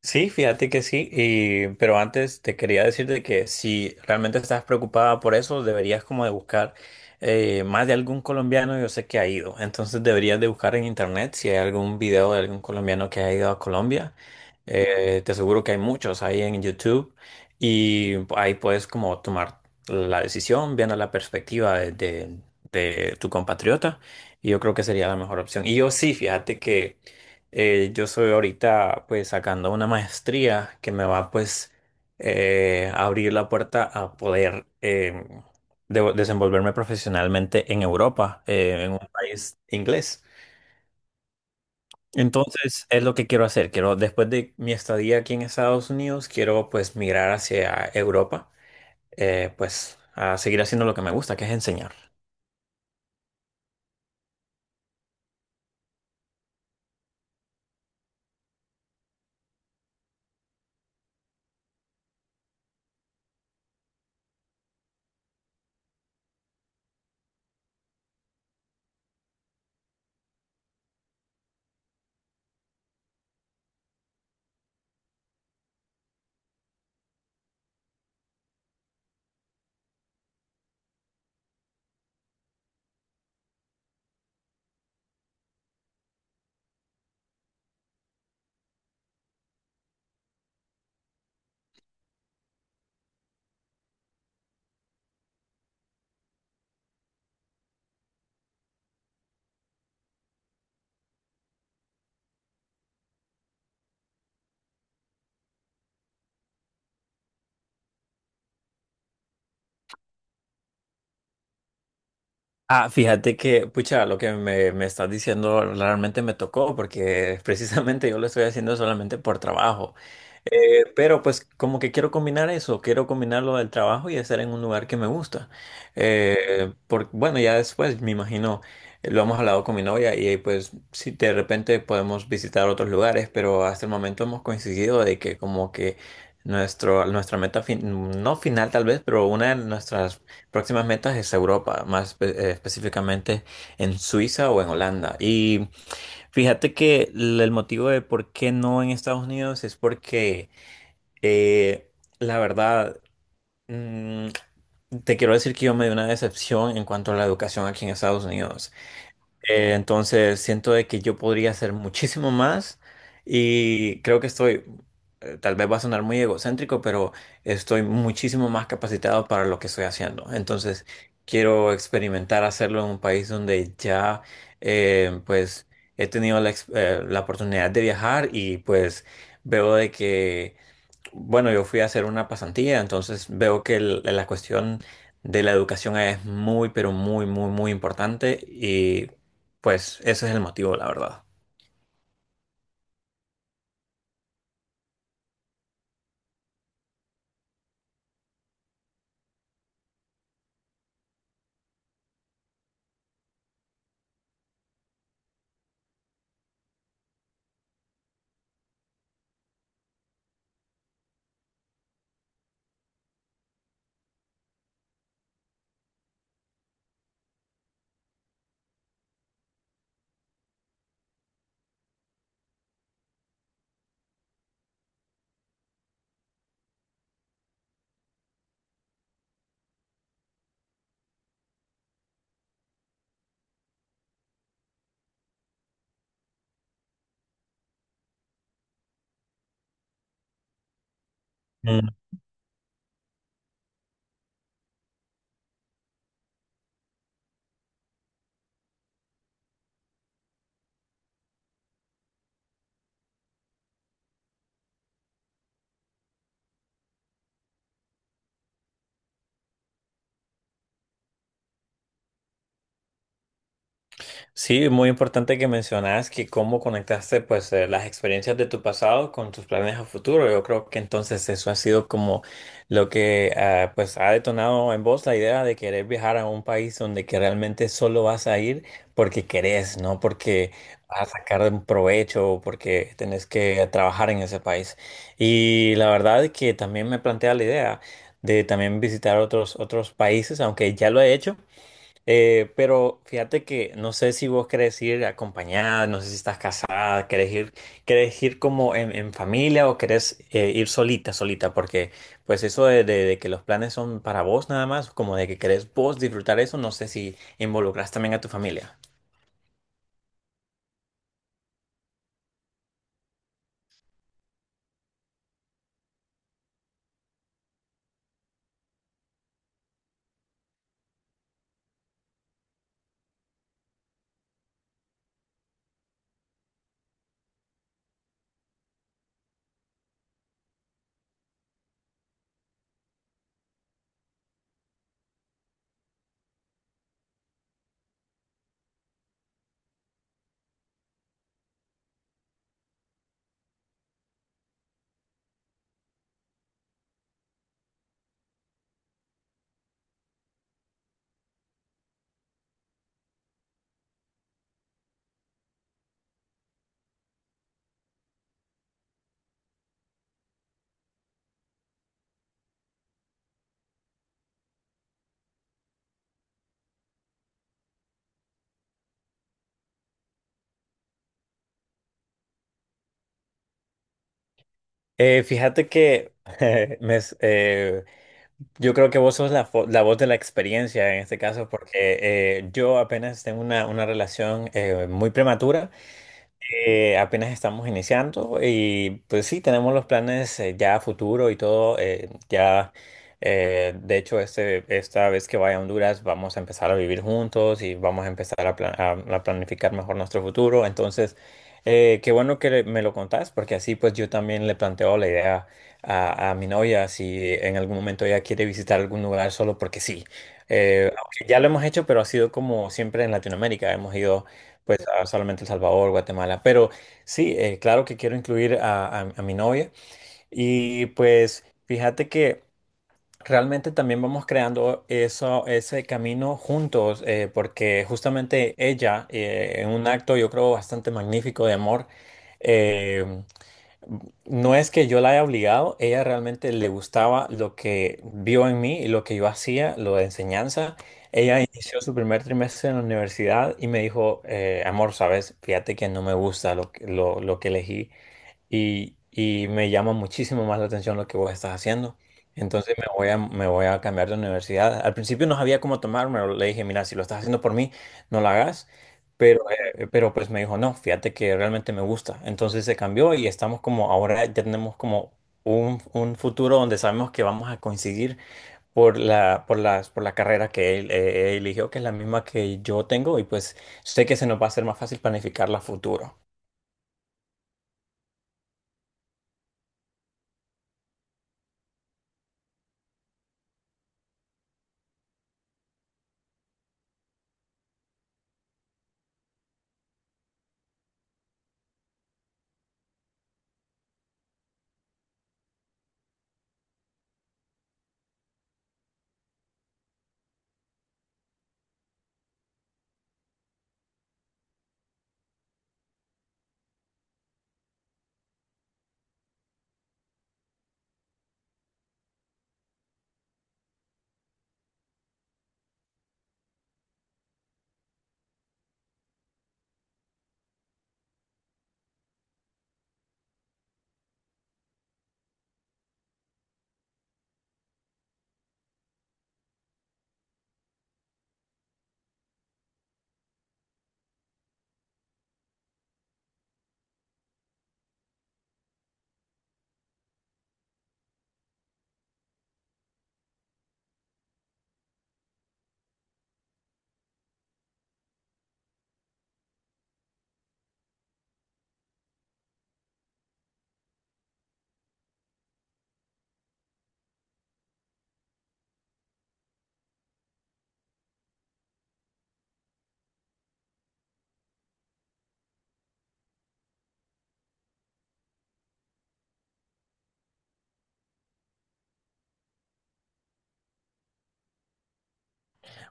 Sí, fíjate que sí, y, pero antes te quería decirte que si realmente estás preocupada por eso, deberías como de buscar más de algún colombiano. Yo sé que ha ido, entonces deberías de buscar en internet si hay algún video de algún colombiano que ha ido a Colombia. Te aseguro que hay muchos ahí en YouTube y ahí puedes como tomar la decisión viendo la perspectiva de de tu compatriota, y yo creo que sería la mejor opción. Y yo sí, fíjate que... Yo soy ahorita pues sacando una maestría que me va pues a abrir la puerta a poder, desenvolverme profesionalmente en Europa, en un país inglés. Entonces es lo que quiero hacer. Quiero, después de mi estadía aquí en Estados Unidos, quiero pues migrar hacia Europa, pues a seguir haciendo lo que me gusta, que es enseñar. Ah, fíjate que, pucha, lo que me estás diciendo realmente me tocó porque precisamente yo lo estoy haciendo solamente por trabajo. Pero pues como que quiero combinar eso, quiero combinar lo del trabajo y estar en un lugar que me gusta. Bueno, ya después me imagino, lo hemos hablado con mi novia y pues si de repente podemos visitar otros lugares, pero hasta el momento hemos coincidido de que como que nuestra meta, no final tal vez, pero una de nuestras próximas metas es Europa, más específicamente en Suiza o en Holanda. Y fíjate que el motivo de por qué no en Estados Unidos es porque, eh, la verdad, mm, te quiero decir que yo me di una decepción en cuanto a la educación aquí en Estados Unidos. Entonces siento de que yo podría hacer muchísimo más, y creo que estoy, tal vez va a sonar muy egocéntrico, pero estoy muchísimo más capacitado para lo que estoy haciendo. Entonces quiero experimentar hacerlo en un país donde ya, pues he tenido la, la oportunidad de viajar y pues veo de que, bueno, yo fui a hacer una pasantía, entonces veo que la cuestión de la educación es muy, pero muy, muy, muy importante, y pues ese es el motivo, la verdad. Sí, muy importante que mencionas que cómo conectaste pues, las experiencias de tu pasado con tus planes a futuro. Yo creo que entonces eso ha sido como lo que, ah, pues ha detonado en vos la idea de querer viajar a un país donde que realmente solo vas a ir porque querés, no porque vas a sacar un provecho o porque tenés que trabajar en ese país. Y la verdad que también me plantea la idea de también visitar otros países, aunque ya lo he hecho. Pero fíjate que no sé si vos querés ir acompañada, no sé si estás casada, querés ir como en familia, o querés ir solita, solita, porque pues eso de que los planes son para vos nada más, como de que querés vos disfrutar eso, no sé si involucras también a tu familia. Fíjate que me s- eh, yo creo que vos sos la, la voz de la experiencia en este caso, porque, yo apenas tengo una relación muy prematura. Apenas estamos iniciando y pues sí, tenemos los planes, ya a futuro y todo. Ya, de hecho, esta vez que vaya a Honduras vamos a empezar a vivir juntos y vamos a empezar a, a planificar mejor nuestro futuro. Entonces, qué bueno que me lo contás, porque así pues yo también le planteo la idea a mi novia si en algún momento ella quiere visitar algún lugar solo porque sí. Aunque ya lo hemos hecho, pero ha sido como siempre en Latinoamérica. Hemos ido pues, ah, solamente El Salvador, Guatemala. Pero sí, claro que quiero incluir a mi novia. Y pues fíjate que realmente también vamos creando eso, ese camino juntos, porque justamente ella, en un acto yo creo bastante magnífico de amor, eh, no es que yo la haya obligado, ella realmente le gustaba lo que vio en mí y lo que yo hacía, lo de enseñanza. Ella inició su primer trimestre en la universidad y me dijo, amor, sabes, fíjate que no me gusta lo que elegí, y me llama muchísimo más la atención lo que vos estás haciendo. Entonces me voy a cambiar de universidad. Al principio no sabía cómo tomármelo. Le dije, mira, si lo estás haciendo por mí, no lo hagas. Pero pues me dijo, no, fíjate que realmente me gusta. Entonces se cambió y estamos como, ahora ya tenemos como un futuro donde sabemos que vamos a coincidir por la carrera que él eligió, que es la misma que yo tengo. Y pues sé que se nos va a hacer más fácil planificar la futuro.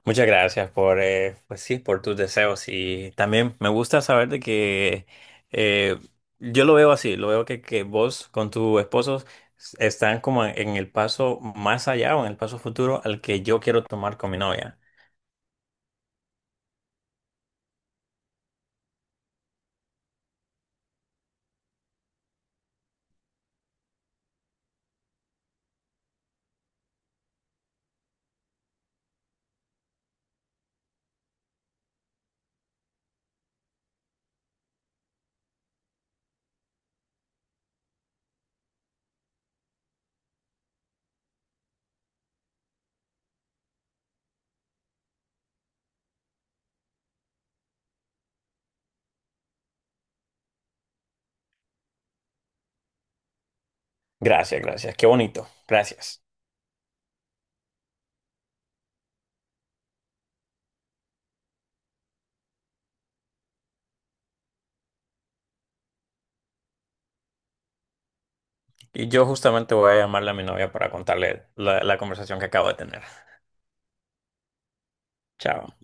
Muchas gracias por, pues sí, por tus deseos, y también me gusta saber de que, eh, yo lo veo así, lo veo que vos con tu esposo están como en el paso más allá o en el paso futuro al que yo quiero tomar con mi novia. Gracias, gracias, qué bonito, gracias. Y yo justamente voy a llamarle a mi novia para contarle la conversación que acabo de tener. Chao.